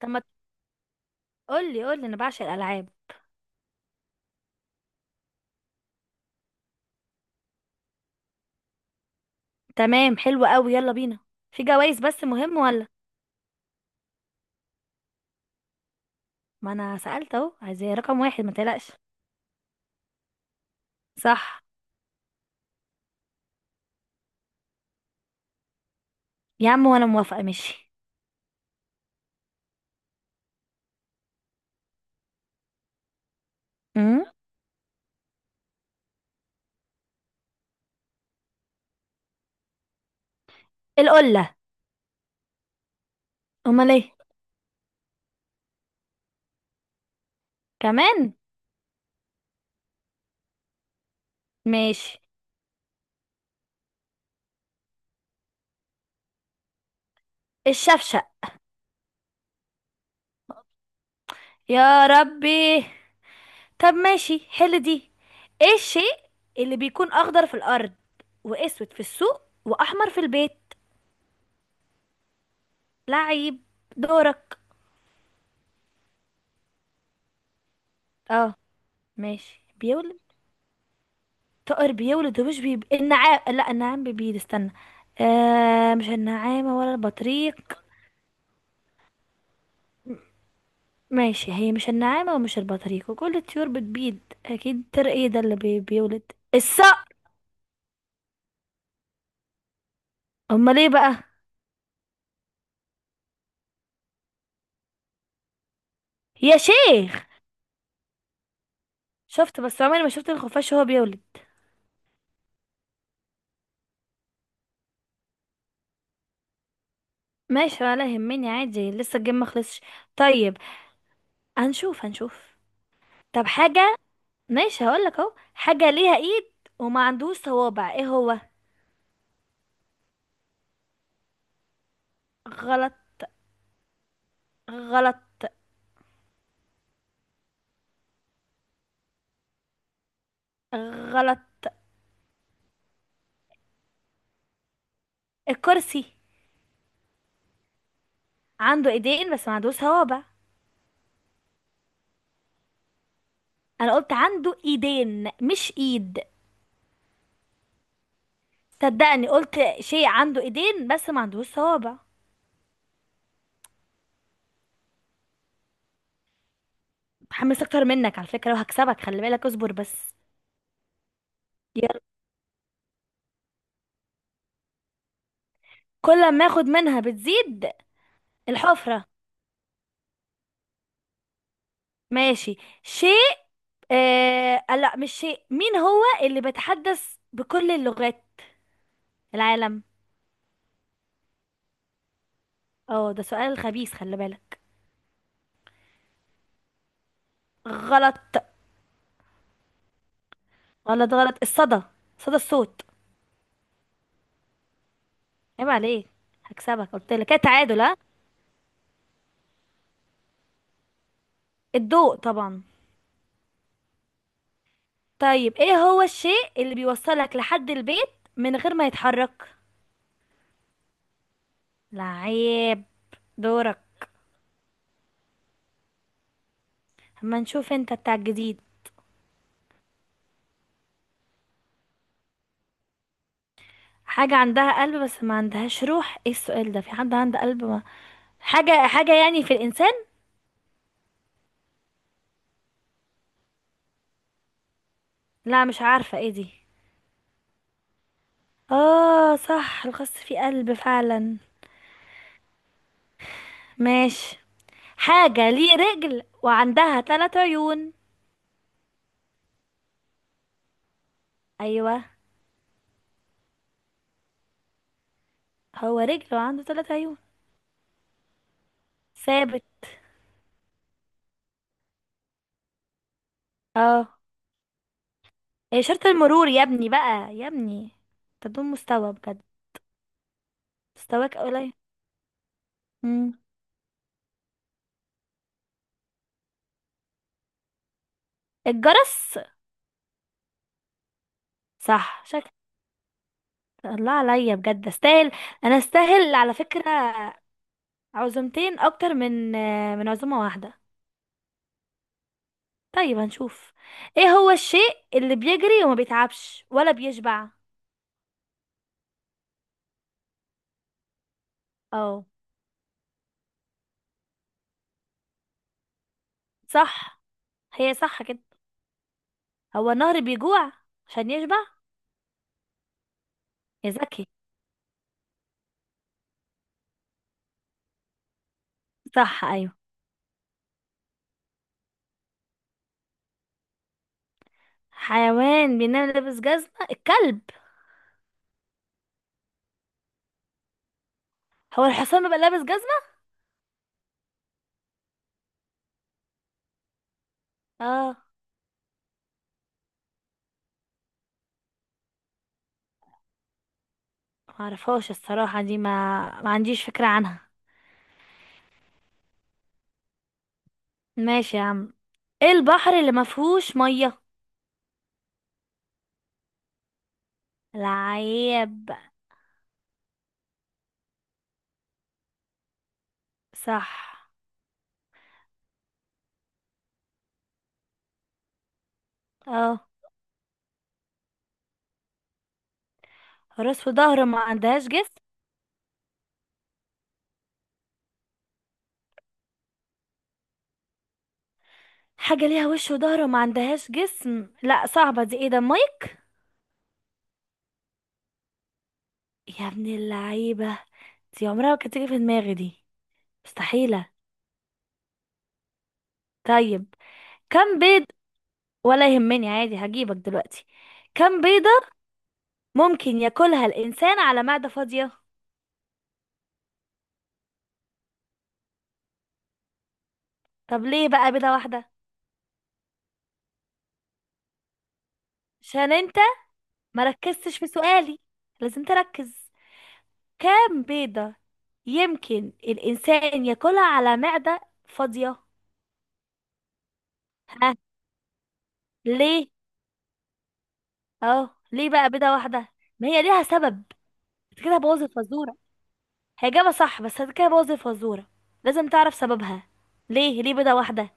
طب ما قولي، انا بعشق الالعاب. تمام، حلو قوي، يلا بينا. في جوائز بس مهم ولا؟ ما انا سألت اهو، عايزة رقم واحد ما تقلقش. صح. يا عم وانا موافقة، ماشي. امم القلة. امال ايه؟ كمان. ماشي. الشفشق. يا ربي. طب ماشي، حل دي. ايه الشيء اللي بيكون اخضر في الارض، واسود في السوق، واحمر في البيت؟ لعيب. دورك. اه، ماشي بيولد. طائر بيولد ومش النعام، لا النعام بيبيض، استنى. آه، مش النعامة ولا البطريق؟ ماشي، هي مش النعامة ومش البطريق، وكل الطيور بتبيض. أكيد الطير ايه ده بيولد؟ الصقر. أمال ايه بقى؟ يا شيخ. شفت بس عمري ما شفت الخفاش وهو بيولد. ماشي ولا يهمني عادي، لسه الجيم ما خلصش. طيب، هنشوف. طب حاجة، ماشي هقولك اهو، حاجة ليها ايد وما عندوش صوابع، ايه هو؟ غلط. غلط. غلط. الكرسي، عنده ايدين بس ما عندوش صوابع. انا قلت عنده ايدين مش ايد. صدقني قلت شيء عنده ايدين بس ما عندوش صوابع. متحمس اكتر منك على فكرة، وهكسبك خلي بالك، اصبر بس. يلا. كل ما اخد منها بتزيد. الحفرة. ماشي. شيء آه... لا مش شيء مين هو اللي بيتحدث بكل اللغات؟ العالم. اه ده سؤال خبيث، خلي بالك. غلط. غلط. غلط. الصدى، صدى الصوت. عيب عليك. هكسبك، قلت لك كده، تعادل ها. الضوء طبعا. طيب ايه هو الشيء اللي بيوصلك لحد البيت من غير ما يتحرك؟ لعيب. دورك. اما نشوف انت بتاع الجديد. حاجة عندها قلب بس ما عندهاش روح، ايه السؤال ده؟ في حد عنده قلب ما حاجة، يعني في الانسان؟ لا، مش عارفة ايه دي. اه صح، الخس فيه قلب فعلا. ماشي. حاجة ليه رجل وعندها ثلاث عيون. ايوه. هو رجل وعنده ثلاث عيون. ثابت. اه. اشارة المرور يا ابني بقى، يا ابني. انت دون مستوى بجد، مستواك قليل. مم. الجرس. صح شكل. الله عليا بجد استاهل. انا استاهل على فكرة، عزومتين اكتر من عزومة واحدة. طيب هنشوف. ايه هو الشيء اللي بيجري وما بيتعبش ولا بيشبع؟ اه. صح. هي صح كده، هو النهر بيجوع عشان يشبع. يا ذكي. صح، ايوه. حيوان بينام لابس جزمة، الكلب. هو الحصان بيبقى لابس جزمة؟ اه. معرفهاش الصراحة دي، ما ما عنديش فكرة عنها. ماشي يا عم. ايه البحر اللي ما فيهوش مية؟ العيب. صح. اه، راس وظهر ما عندهاش جسم. حاجة ليها وش وظهر وما عندهاش جسم، لا صعبة دي، ايه ده؟ مايك. يا ابن اللعيبة، دي عمرها ما كانت تيجي في دماغي دي. مستحيلة. طيب، كم بيض. ولا يهمني عادي، هجيبك دلوقتي. كم بيضة ممكن ياكلها الإنسان على معدة فاضية؟ طب ليه بقى بيضة واحدة؟ عشان انت ما ركزتش في سؤالي، لازم تركز. كام بيضة يمكن الإنسان ياكلها على معدة فاضية؟ ها. ليه؟ اهو ليه بقى بيضة واحدة؟ ما هي ليها سبب. انت كده بوظ الفزورة. هي إجابة صح بس انت كده بوظ الفزورة، لازم تعرف سببها. ليه؟ ليه بيضة واحدة؟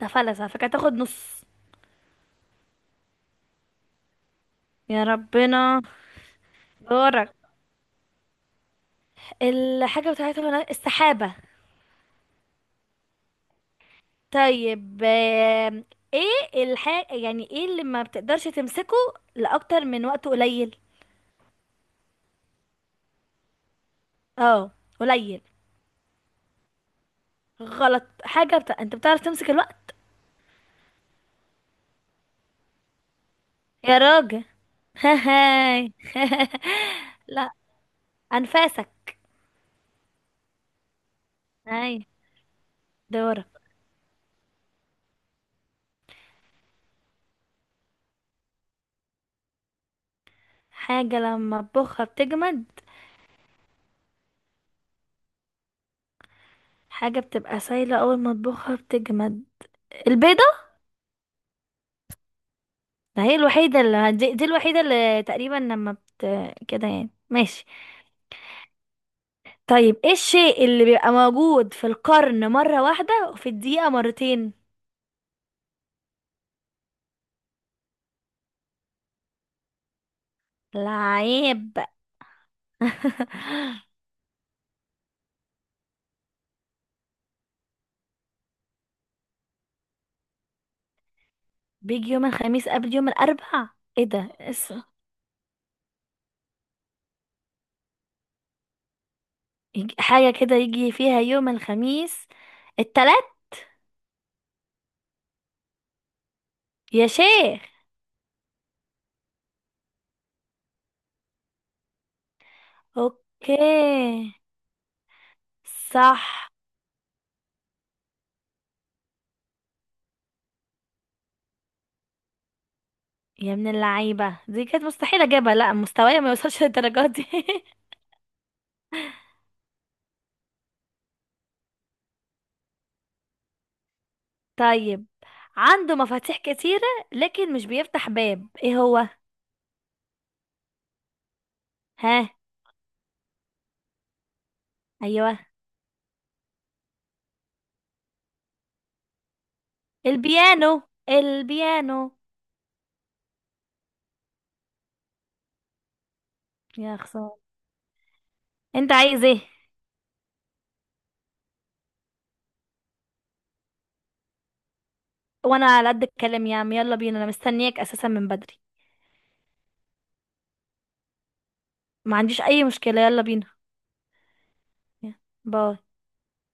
ده فلس على فكرة، تاخد نص. يا ربنا. دورك. الحاجة بتاعتهم، السحابة. طيب، ايه الحاجة، يعني ايه اللي ما بتقدرش تمسكه لأكتر من وقت قليل؟ اه، قليل. غلط. انت بتعرف تمسك الوقت؟ يا راجل. هاي. لا. انفاسك. هاي. دورك. حاجة لما اطبخها بتجمد. حاجة بتبقى سايلة أول ما اطبخها بتجمد، البيضة. ده هي الوحيدة دي الوحيدة اللي تقريبا لما بت كده يعني، ماشي. طيب ايه الشيء اللي بيبقى موجود في القرن مرة واحدة وفي الدقيقة مرتين؟ العيب. بيجي يوم الخميس قبل يوم الأربع؟ ايه ده حاجة كده يجي فيها يوم الخميس؟ التلات. يا شيخ. اوكي. صح. يا من اللعيبة، دي كانت مستحيل اجيبها، لا مستوايا ما يوصلش للدرجة دي. طيب، عنده مفاتيح كتيرة لكن مش بيفتح باب، ايه هو؟ ها. ايوه. البيانو، البيانو. يا خسارة، انت عايز ايه؟ وانا على قد الكلام يا عم، يلا بينا، انا مستنياك اساسا من بدري. ما عنديش اي مشكلة، يلا بينا. يلا، باي.